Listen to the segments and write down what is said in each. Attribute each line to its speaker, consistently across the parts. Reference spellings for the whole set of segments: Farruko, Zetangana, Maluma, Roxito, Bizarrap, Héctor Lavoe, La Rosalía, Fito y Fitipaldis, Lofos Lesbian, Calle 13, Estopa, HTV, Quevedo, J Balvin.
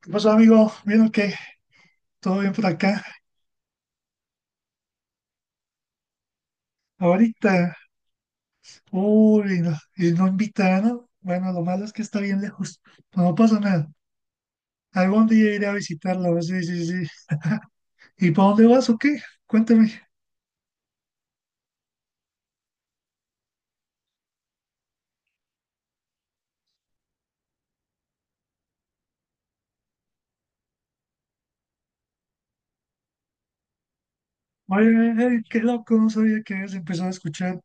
Speaker 1: ¿Qué pasó, amigo? ¿Vieron que todo bien por acá? Ahorita, uy, no, y no invitaron. Bueno, lo malo es que está bien lejos. No, pasa nada. Algún día iré a visitarlo. Pues, sí, sí, sí. ¿Y para dónde vas o qué? Cuéntame. Oye, qué loco, no sabía que habías empezado a escuchar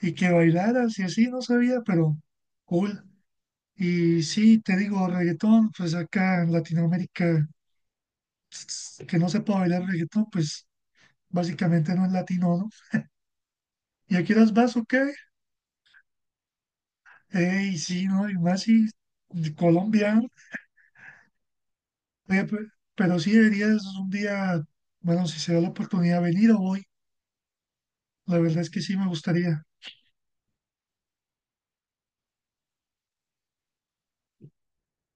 Speaker 1: y que bailaras y así, no sabía, pero cool. Y sí, te digo, reggaetón, pues acá en Latinoamérica, que no sepa bailar reggaetón, pues básicamente no es latino, ¿no? ¿Y a qué horas vas o qué? Ey, sí, no, y más si de Colombia, oye, pero sí deberías un día, bueno, si se da la oportunidad, venir o voy. La verdad es que sí me gustaría.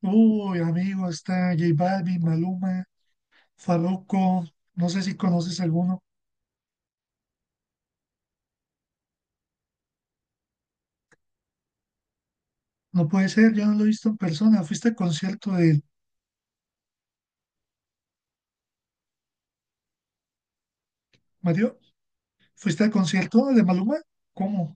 Speaker 1: Uy, amigo, está J Balvin, Maluma, Farruko, no sé si conoces alguno. No puede ser, yo no lo he visto en persona. ¿Fuiste al concierto de Mario? ¿Fuiste al concierto de Maluma? ¿Cómo?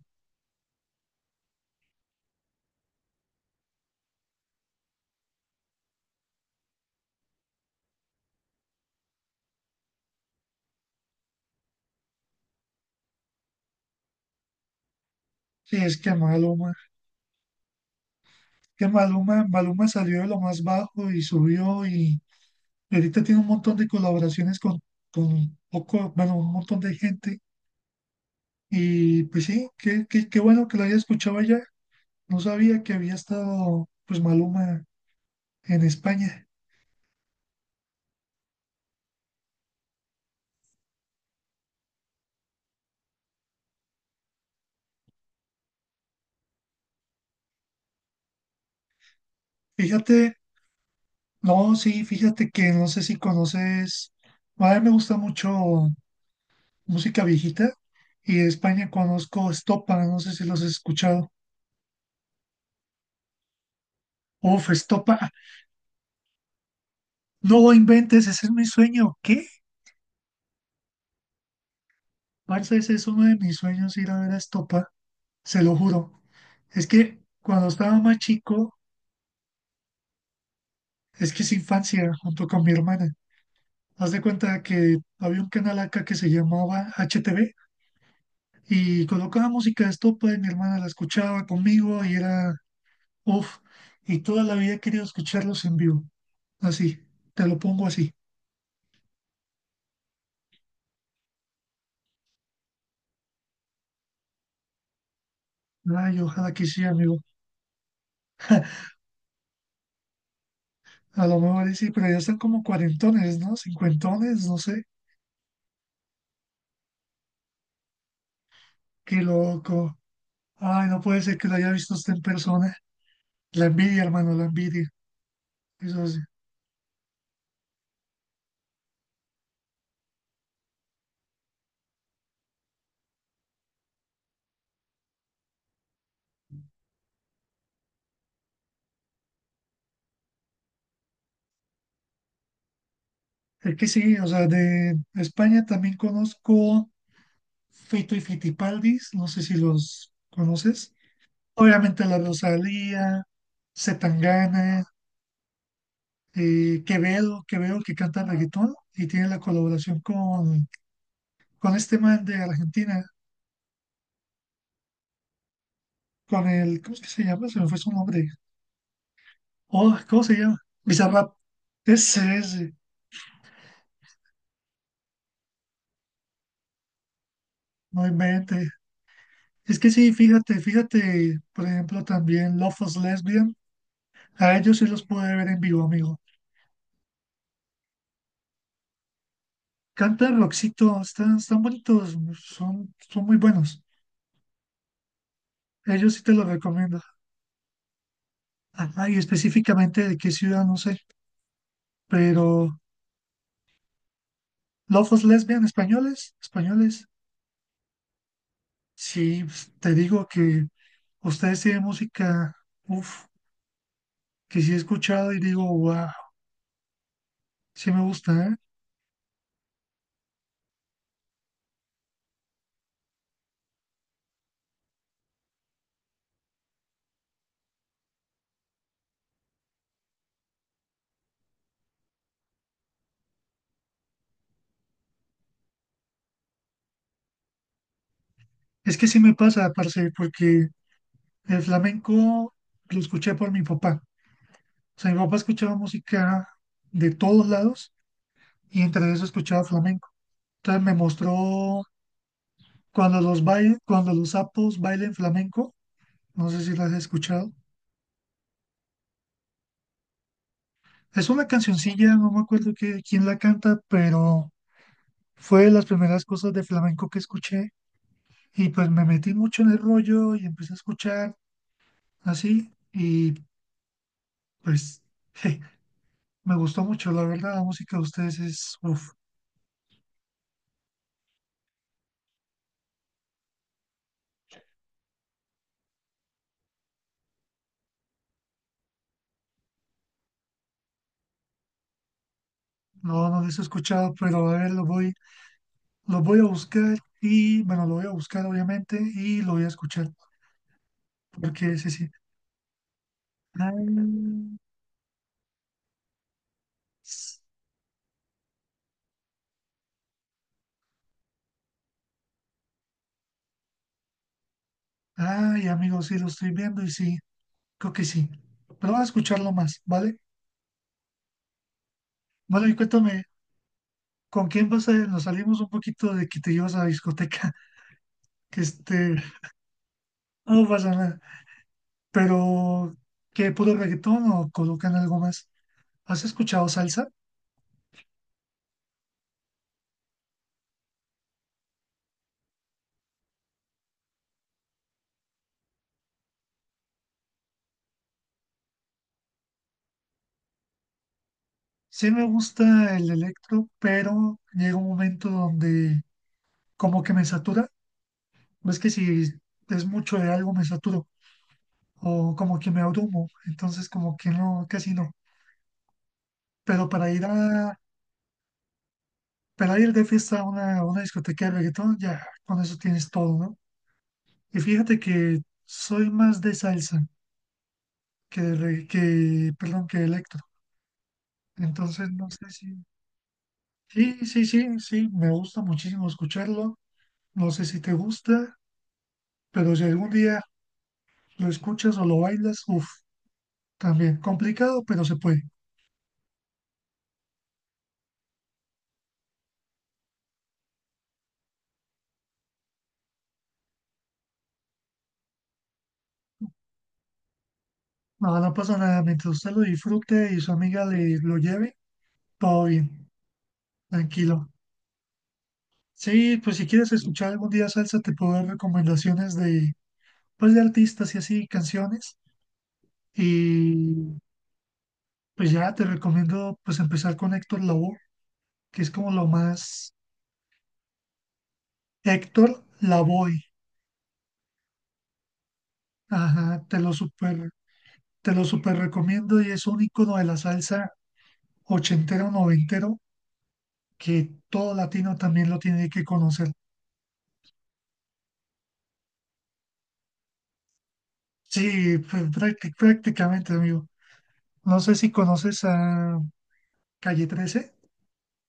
Speaker 1: Sí, es que Maluma, Maluma salió de lo más bajo y subió. Y ahorita tiene un montón de colaboraciones con un poco, bueno, un montón de gente. Y pues sí, qué bueno que la haya escuchado allá. No sabía que había estado pues Maluma en España. Fíjate, no, sí, fíjate que no sé si conoces, a mí me gusta mucho música viejita y de España conozco Estopa, no sé si los has escuchado. Uf, Estopa, no inventes, ese es mi sueño. ¿Qué? Parce, ese es uno de mis sueños ir a ver a Estopa. Se lo juro. Es que cuando estaba más chico, es que es infancia junto con mi hermana. Haz de cuenta que había un canal acá que se llamaba HTV y colocaba música de estopa y mi hermana la escuchaba conmigo y era uff. Y toda la vida he querido escucharlos en vivo. Así, te lo pongo así. Ay, ojalá que sí, amigo. A lo mejor y sí, pero ya están como cuarentones, ¿no? Cincuentones, no sé. Qué loco. Ay, no puede ser que lo haya visto usted en persona. La envidia, hermano, la envidia. Eso sí. Es que sí, o sea, de España también conozco Fito y Fitipaldis, no sé si los conoces. Obviamente La Rosalía, Zetangana, Quevedo, Quevedo que canta reggaetón y tiene la colaboración con este man de Argentina, con el, ¿cómo es que se llama? Se me fue su nombre. Oh, ¿cómo se llama? Bizarrap. Ese, ese, no invente. Es que sí, fíjate, por ejemplo, también Lofos Lesbian. A ellos sí los pude ver en vivo, amigo. Canta Roxito, están bonitos, son muy buenos. Ellos sí te los recomiendo. Ajá, y específicamente de qué ciudad, no sé. Pero Lofos Lesbian, españoles, españoles. Sí, pues, te digo que ustedes tienen música, uff, que sí he escuchado y digo, wow, sí me gusta, ¿eh? Es que sí me pasa, parce, porque el flamenco lo escuché por mi papá. O sea, mi papá escuchaba música de todos lados y entre eso escuchaba flamenco. Entonces me mostró cuando los sapos bailen flamenco, no sé si las has escuchado. Es una cancioncilla, no me acuerdo que, quién la canta, pero fue de las primeras cosas de flamenco que escuché y pues me metí mucho en el rollo y empecé a escuchar así y pues me gustó mucho, la verdad, la música de ustedes es, uff, no, no les he escuchado, pero a ver, lo voy a buscar y bueno, lo voy a buscar obviamente y lo voy a escuchar. Porque se siente, ay, s- ay, amigo, sí, lo estoy viendo y sí, creo que sí. Pero vamos a escucharlo más, ¿vale? Bueno, y cuéntame, ¿con quién vas a ir? Nos salimos un poquito de que te llevas a la discoteca, que este, no pasa nada. Pero, ¿qué, puro reggaetón o colocan algo más? ¿Has escuchado salsa? Sí me gusta el electro, pero llega un momento donde como que me satura. ¿Ves que si es mucho de algo me saturo? O como que me abrumo, entonces como que no, casi no. Pero para ir de fiesta a una discoteca de reggaetón, ya con eso tienes todo, ¿no? Y fíjate que soy más de salsa que de perdón, que de electro. Entonces no sé si, sí, me gusta muchísimo escucharlo. No sé si te gusta, pero si algún día lo escuchas o lo bailas, uff, también complicado, pero se puede. No, no pasa nada, mientras usted lo disfrute y su amiga le lo lleve, todo bien. Tranquilo. Sí, pues si quieres escuchar algún día salsa, te puedo dar recomendaciones de, pues, de artistas y así, canciones. Y pues ya te recomiendo pues empezar con Héctor Lavoe, que es como lo más... Héctor Lavoe. Ajá, te lo super recomiendo y es un icono de la salsa ochentero, noventero, que todo latino también lo tiene que conocer. Sí, pues, prácticamente, amigo. No sé si conoces a Calle 13,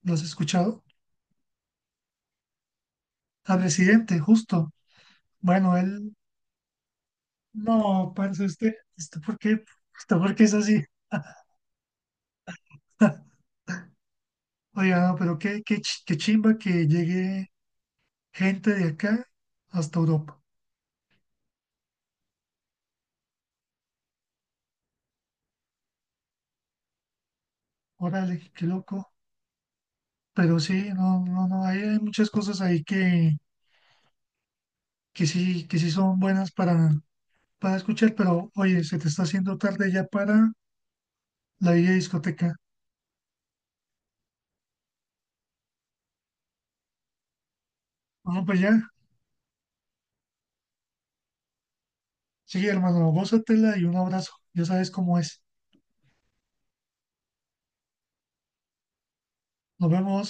Speaker 1: ¿lo has escuchado? Al presidente, justo. Bueno, él, no, parce, usted, ¿esto por qué? ¿Esto por qué es así? Oiga, no, pero qué chimba que llegue gente de acá hasta Europa. Órale, qué loco. Pero sí, no, no, no, hay muchas cosas ahí que sí son buenas para escuchar, pero oye, se te está haciendo tarde ya para la vieja discoteca. Bueno, pues ya, sí, hermano, gózatela y un abrazo. Ya sabes cómo es. Nos vemos.